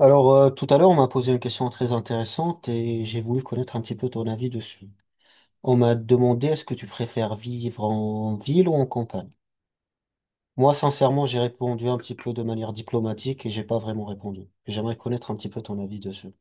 Alors, tout à l'heure, on m'a posé une question très intéressante et j'ai voulu connaître un petit peu ton avis dessus. On m'a demandé, est-ce que tu préfères vivre en ville ou en campagne? Moi, sincèrement, j'ai répondu un petit peu de manière diplomatique et j'ai pas vraiment répondu. J'aimerais connaître un petit peu ton avis dessus.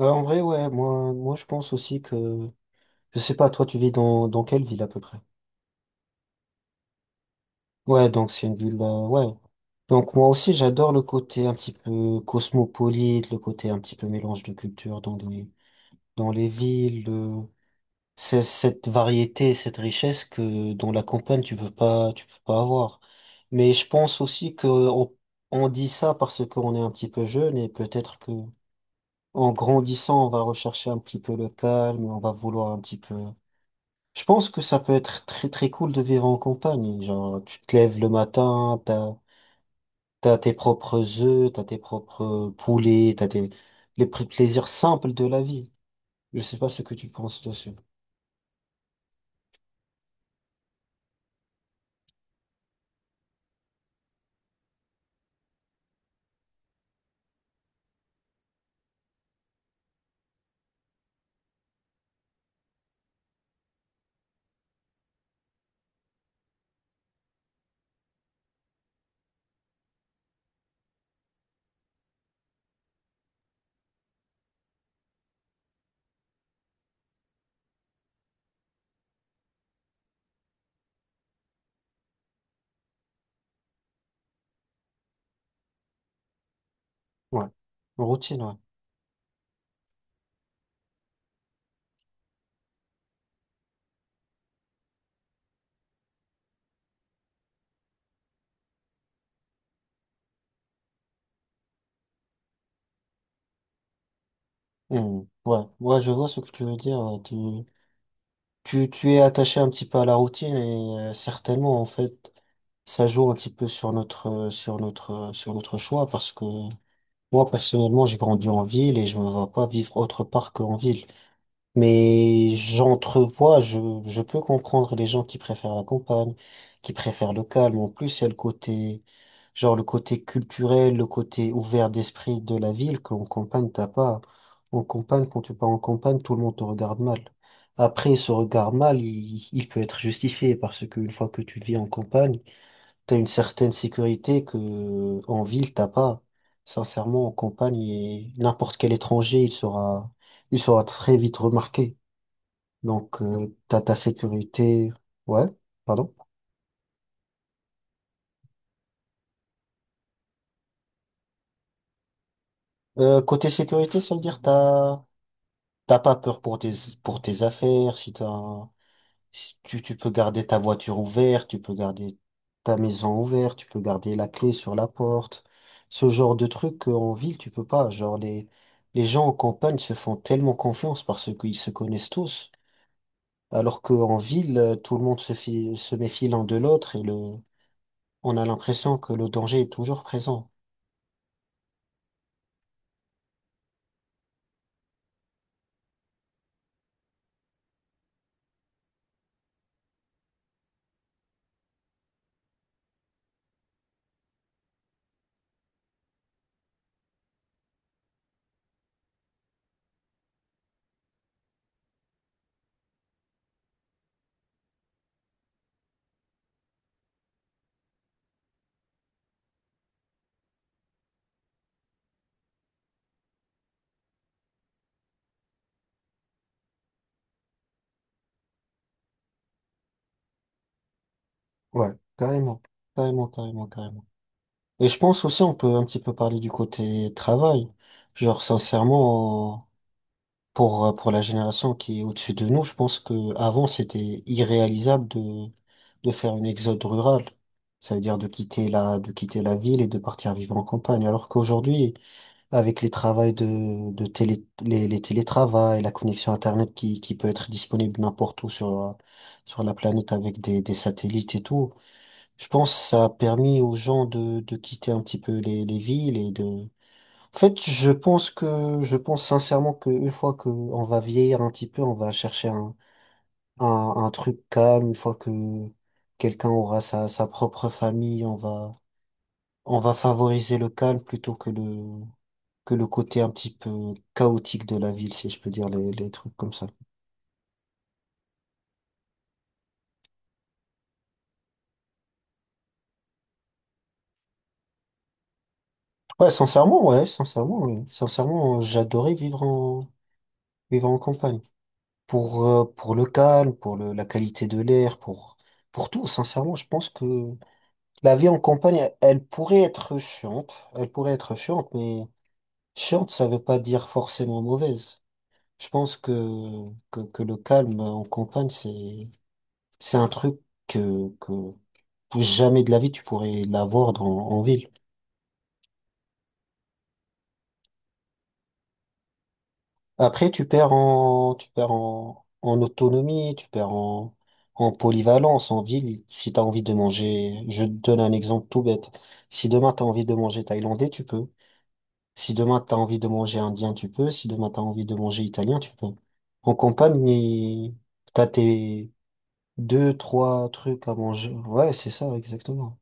En vrai, ouais, moi, je pense aussi que, je sais pas, toi, tu vis dans quelle ville à peu près? Ouais, donc c'est une ville, ouais. Donc moi aussi, j'adore le côté un petit peu cosmopolite, le côté un petit peu mélange de cultures dans les villes. C'est cette variété, cette richesse que dans la campagne tu peux pas avoir. Mais je pense aussi que on dit ça parce qu'on est un petit peu jeune, et peut-être que en grandissant on va rechercher un petit peu le calme, on va vouloir un petit peu. Je pense que ça peut être très très cool de vivre en campagne. Genre tu te lèves le matin, t'as tes propres œufs, t'as tes propres poulets, t'as tes les pr- plaisirs simples de la vie. Je sais pas ce que tu penses dessus. Ouais. Routine, ouais. Hmm. Ouais, ouais, je vois ce que tu veux dire. Ouais. Tu es attaché un petit peu à la routine et certainement, en fait, ça joue un petit peu sur sur notre choix, parce que moi, personnellement, j'ai grandi en ville et je me vois pas vivre autre part qu'en ville. Mais je peux comprendre les gens qui préfèrent la campagne, qui préfèrent le calme. En plus, il y a le côté, genre le côté culturel, le côté ouvert d'esprit de la ville qu'en campagne, t'as pas. En campagne, quand tu pars en campagne, tout le monde te regarde mal. Après, ce regard mal, il peut être justifié, parce qu'une fois que tu vis en campagne, t'as une certaine sécurité que en ville t'as pas. Sincèrement, en campagne, et n'importe quel étranger, il sera très vite remarqué. Donc, t'as ta sécurité. Ouais, pardon. Côté sécurité, ça veut dire t'as, t'as pas peur pour pour tes affaires, si tu, tu peux garder ta voiture ouverte, tu peux garder ta maison ouverte, tu peux garder la clé sur la porte. Ce genre de truc qu'en ville, tu peux pas. Genre les gens en campagne se font tellement confiance parce qu'ils se connaissent tous. Alors qu'en ville, tout le monde se méfie l'un de l'autre, on a l'impression que le danger est toujours présent. Ouais, carrément, carrément, carrément, carrément. Et je pense aussi on peut un petit peu parler du côté travail. Genre sincèrement, pour la génération qui est au-dessus de nous, je pense que avant c'était irréalisable de faire une exode rurale. Ça veut dire de de quitter la ville et de partir vivre en campagne. Alors qu'aujourd'hui, avec les travails de télé, les télétravails, la connexion Internet qui peut être disponible n'importe où sur la planète, avec des satellites et tout, je pense que ça a permis aux gens de quitter un petit peu les villes. En fait, je pense que je pense sincèrement que une fois que on va vieillir un petit peu, on va chercher un truc calme. Une fois que quelqu'un aura sa propre famille, on va favoriser le calme plutôt que le côté un petit peu chaotique de la ville, si je peux dire les trucs comme ça. Ouais, sincèrement, ouais, sincèrement, ouais. Sincèrement, j'adorais vivre en vivre en campagne. Pour le calme, pour la qualité de l'air, pour tout. Sincèrement, je pense que la vie en campagne, elle pourrait être chiante, mais chiante, ça veut pas dire forcément mauvaise. Je pense que le calme en campagne, c'est un truc que jamais de la vie tu pourrais l'avoir en ville. Après, tu perds en autonomie, tu perds en polyvalence en ville. Si tu as envie de manger, je te donne un exemple tout bête. Si demain tu as envie de manger thaïlandais, tu peux. Si demain t'as envie de manger indien, tu peux. Si demain t'as envie de manger italien, tu peux. En campagne, t'as tes deux, trois trucs à manger. Ouais, c'est ça, exactement.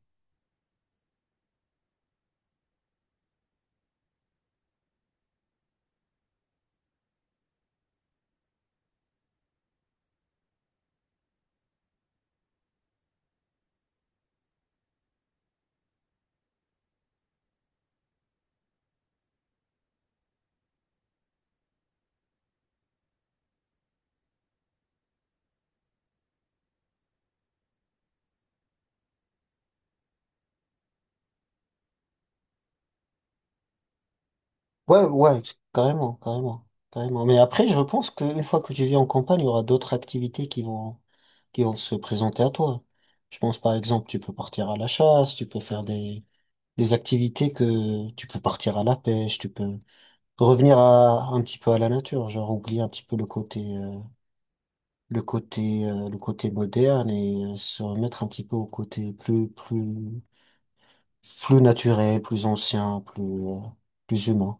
Ouais, ouais, carrément, carrément, carrément. Mais après, je pense qu'une fois que tu vis en campagne, il y aura d'autres activités qui vont se présenter à toi. Je pense, par exemple, tu peux partir à la chasse, tu peux faire des activités, que tu peux partir à la pêche, tu peux revenir un petit peu à la nature, genre oublier un petit peu le côté moderne, et se remettre un petit peu au côté plus naturel, plus ancien, euh, plus humain.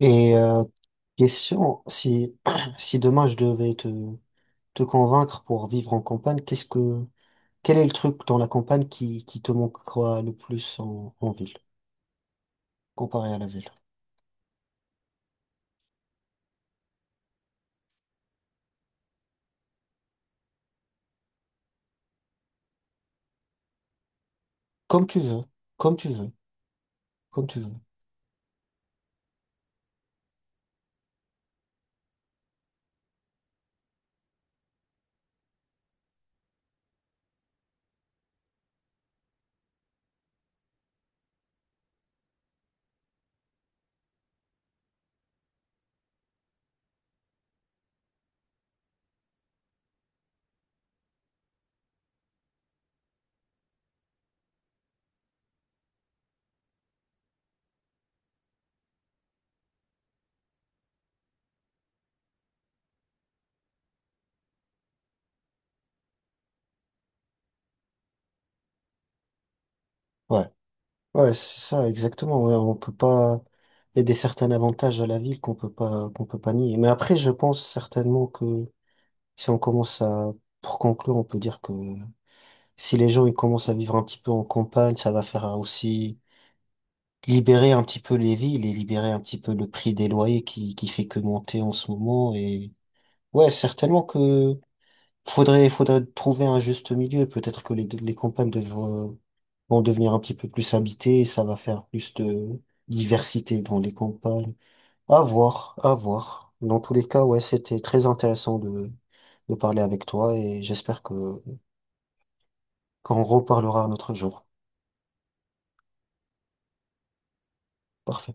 Et question, si si demain je devais te convaincre pour vivre en campagne, qu'est-ce que quel est le truc dans la campagne qui te manquera le plus en, en ville comparé à la ville? Comme tu veux, comme tu veux, comme tu veux. Ouais. Ouais, c'est ça, exactement. Ouais, on peut pas. Il y a des certains avantages à la ville qu'on peut pas nier. Mais après, je pense certainement que si on commence à, pour conclure, on peut dire que si les gens ils commencent à vivre un petit peu en campagne, ça va faire aussi libérer un petit peu les villes et libérer un petit peu le prix des loyers qui fait que monter en ce moment. Et ouais, certainement que faudrait trouver un juste milieu. Peut-être que les campagnes devraient vont devenir un petit peu plus habités et ça va faire plus de diversité dans les campagnes. À voir, à voir. Dans tous les cas, ouais, c'était très intéressant de parler avec toi, et j'espère que qu'on reparlera un autre jour. Parfait.